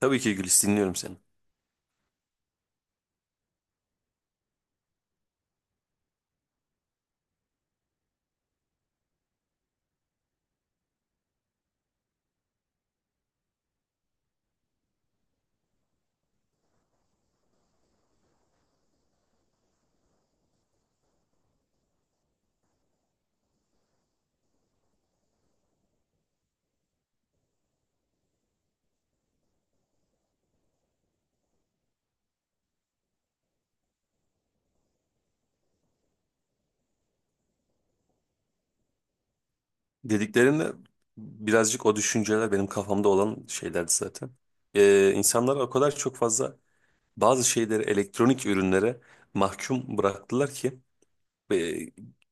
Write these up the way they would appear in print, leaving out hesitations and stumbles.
Tabii ki Gülis dinliyorum seni. Dediklerinde birazcık o düşünceler benim kafamda olan şeylerdi zaten. İnsanlar o kadar çok fazla bazı şeyleri elektronik ürünlere mahkum bıraktılar ki e,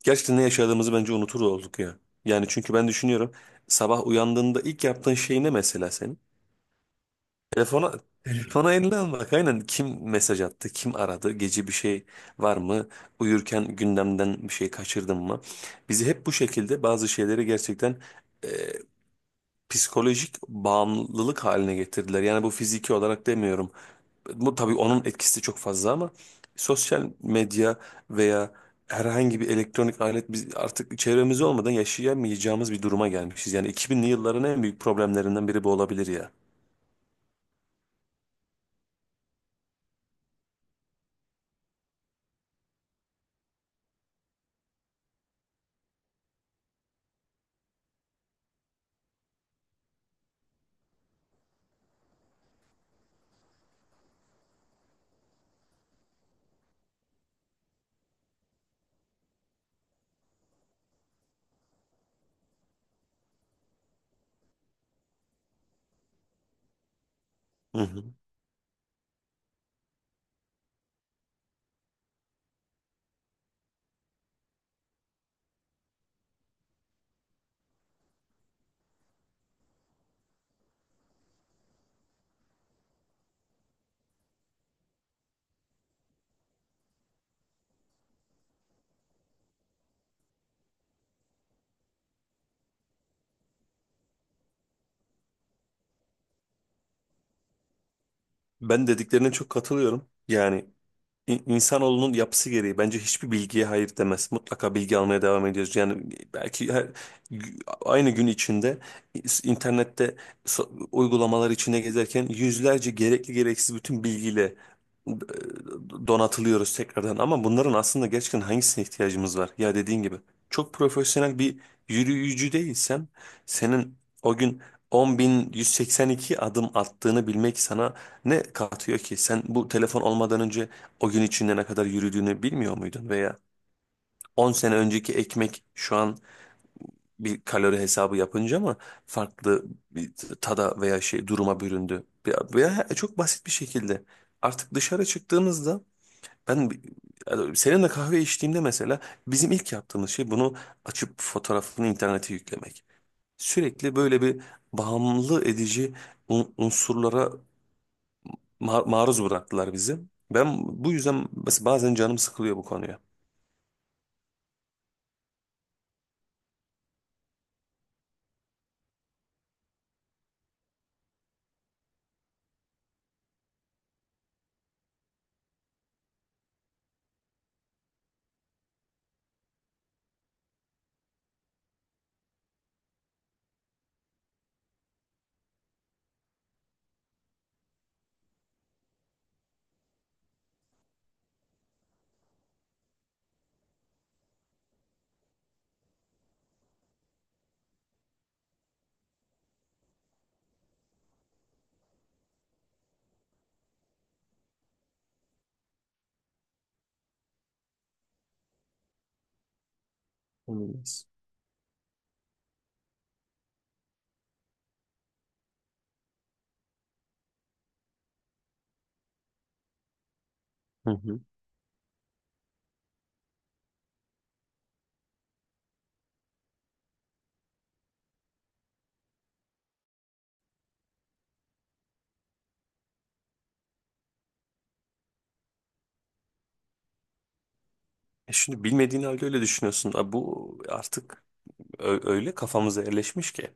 gerçekten ne yaşadığımızı bence unutur olduk ya. Yani çünkü ben düşünüyorum, sabah uyandığında ilk yaptığın şey ne mesela senin? Telefona telefona eline almak, aynen. Kim mesaj attı, kim aradı, gece bir şey var mı, uyurken gündemden bir şey kaçırdın mı, bizi hep bu şekilde bazı şeyleri gerçekten e, psikolojik bağımlılık haline getirdiler. Yani bu fiziki olarak demiyorum, bu tabii onun etkisi çok fazla, ama sosyal medya veya herhangi bir elektronik alet, biz artık çevremiz olmadan yaşayamayacağımız bir duruma gelmişiz. Yani 2000'li yılların en büyük problemlerinden biri bu olabilir ya. Hı hı. Ben dediklerine çok katılıyorum. Yani İnsanoğlunun yapısı gereği bence hiçbir bilgiye hayır demez. Mutlaka bilgi almaya devam ediyoruz. Yani belki gü- aynı gün içinde internette uygulamalar içinde gezerken yüzlerce gerekli gereksiz bütün bilgiyle e, donatılıyoruz tekrardan. Ama bunların aslında gerçekten hangisine ihtiyacımız var? Ya dediğin gibi çok profesyonel bir yürüyücü değilsen senin o gün 10.182 adım attığını bilmek sana ne katıyor ki? Sen bu telefon olmadan önce o gün içinde ne kadar yürüdüğünü bilmiyor muydun? Veya 10 sene önceki ekmek şu an bir kalori hesabı yapınca mı farklı bir tada veya şey duruma büründü? Veya çok basit bir şekilde artık dışarı çıktığınızda, ben yani seninle kahve içtiğimde mesela bizim ilk yaptığımız şey bunu açıp fotoğrafını internete yüklemek. Sürekli böyle bir bağımlı edici unsurlara maruz bıraktılar bizi. Ben bu yüzden bazen canım sıkılıyor bu konuya. Hmm. Hı hı. E, şimdi bilmediğin halde öyle düşünüyorsun. Abi bu artık öyle kafamıza yerleşmiş ki.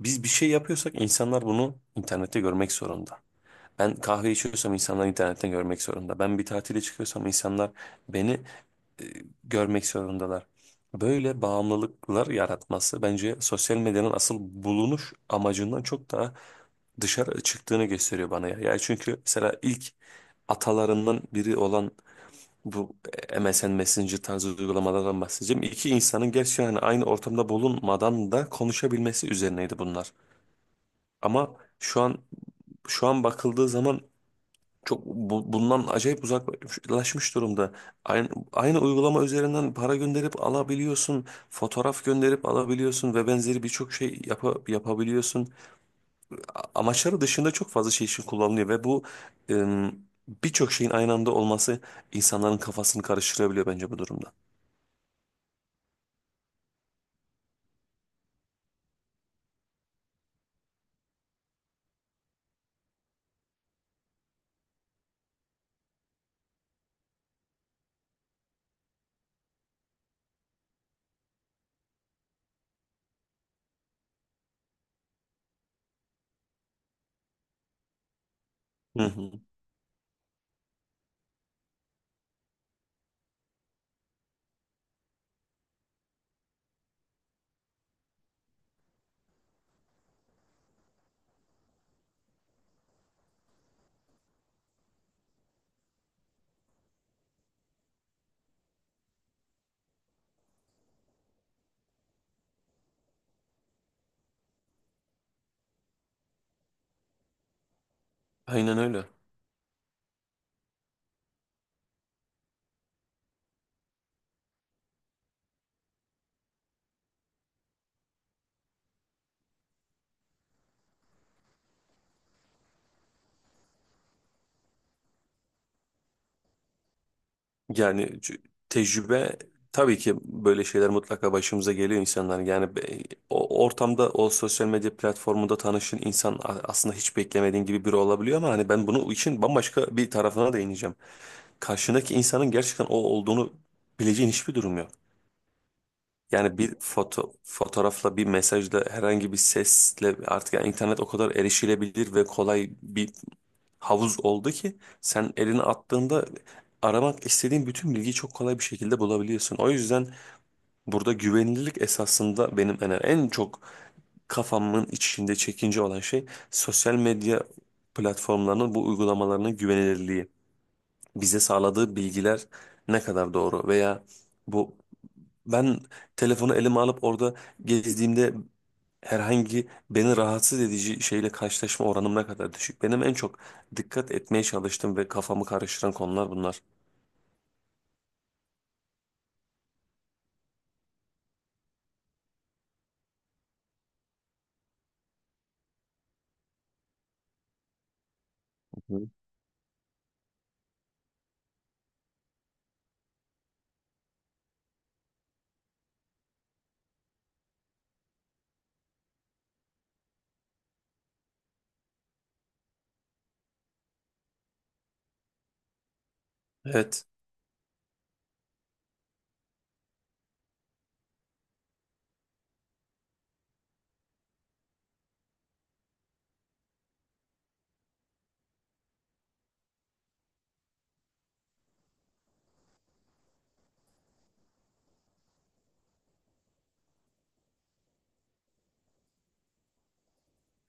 Biz bir şey yapıyorsak insanlar bunu internette görmek zorunda. Ben kahve içiyorsam insanlar internetten görmek zorunda. Ben bir tatile çıkıyorsam insanlar beni e, görmek zorundalar. Böyle bağımlılıklar yaratması bence sosyal medyanın asıl bulunuş amacından çok daha dışarı çıktığını gösteriyor bana ya. Yani çünkü mesela ilk atalarından biri olan bu MSN Messenger tarzı uygulamalardan bahsedeceğim. İki insanın gerçi yani aynı ortamda bulunmadan da konuşabilmesi üzerineydi bunlar. Ama şu an bakıldığı zaman çok bundan acayip uzaklaşmış durumda. Aynı uygulama üzerinden para gönderip alabiliyorsun, fotoğraf gönderip alabiliyorsun ve benzeri birçok şey yapabiliyorsun. Amaçları dışında çok fazla şey için kullanılıyor ve bu em, birçok şeyin aynı anda olması insanların kafasını karıştırabiliyor bence bu durumda. Hı hı. Aynen öyle. Yani tecrübe, tabii ki böyle şeyler mutlaka başımıza geliyor insanlar. Yani o ortamda, o sosyal medya platformunda tanışın insan aslında hiç beklemediğin gibi biri olabiliyor, ama hani ben bunu için bambaşka bir tarafına değineceğim. Karşındaki insanın gerçekten o olduğunu bileceğin hiçbir durum yok. Yani bir fotoğrafla, bir mesajla, herhangi bir sesle, artık yani internet o kadar erişilebilir ve kolay bir havuz oldu ki sen elini attığında aramak istediğin bütün bilgiyi çok kolay bir şekilde bulabiliyorsun. O yüzden burada güvenilirlik esasında benim en çok kafamın içinde çekince olan şey, sosyal medya platformlarının bu uygulamalarının güvenilirliği. Bize sağladığı bilgiler ne kadar doğru, veya bu ben telefonu elime alıp orada gezdiğimde herhangi beni rahatsız edici şeyle karşılaşma oranım ne kadar düşük. Benim en çok dikkat etmeye çalıştığım ve kafamı karıştıran konular bunlar. Hı. Evet,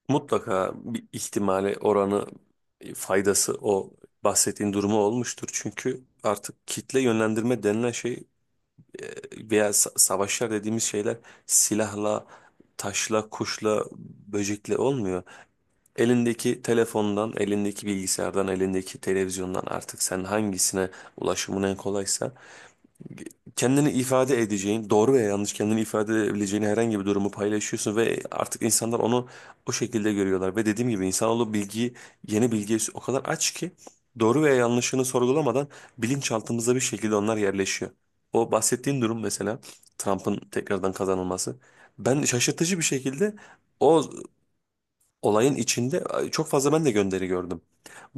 mutlaka bir ihtimale oranı faydası o bahsettiğin durumu olmuştur. Çünkü artık kitle yönlendirme denilen şey veya savaşlar dediğimiz şeyler silahla, taşla, kuşla, böcekle olmuyor. Elindeki telefondan, elindeki bilgisayardan, elindeki televizyondan, artık sen hangisine ulaşımın en kolaysa kendini ifade edeceğin, doğru veya yanlış kendini ifade edebileceğin herhangi bir durumu paylaşıyorsun ve artık insanlar onu o şekilde görüyorlar. Ve dediğim gibi insanoğlu bilgiyi, yeni bilgiye o kadar aç ki doğru veya yanlışını sorgulamadan bilinçaltımıza bir şekilde onlar yerleşiyor. O bahsettiğim durum mesela Trump'ın tekrardan kazanılması. Ben şaşırtıcı bir şekilde o olayın içinde çok fazla ben de gönderi gördüm.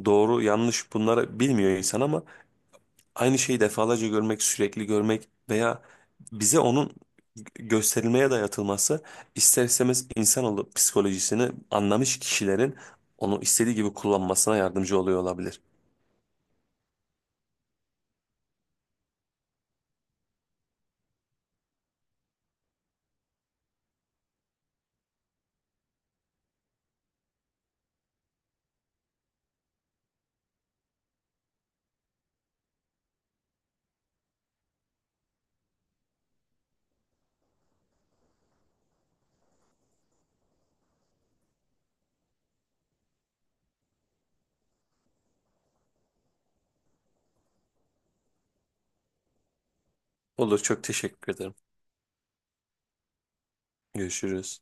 Doğru yanlış bunları bilmiyor insan, ama aynı şeyi defalarca görmek, sürekli görmek veya bize onun gösterilmeye dayatılması ister istemez insanoğlu psikolojisini anlamış kişilerin onu istediği gibi kullanmasına yardımcı oluyor olabilir. Olur, çok teşekkür ederim. Görüşürüz.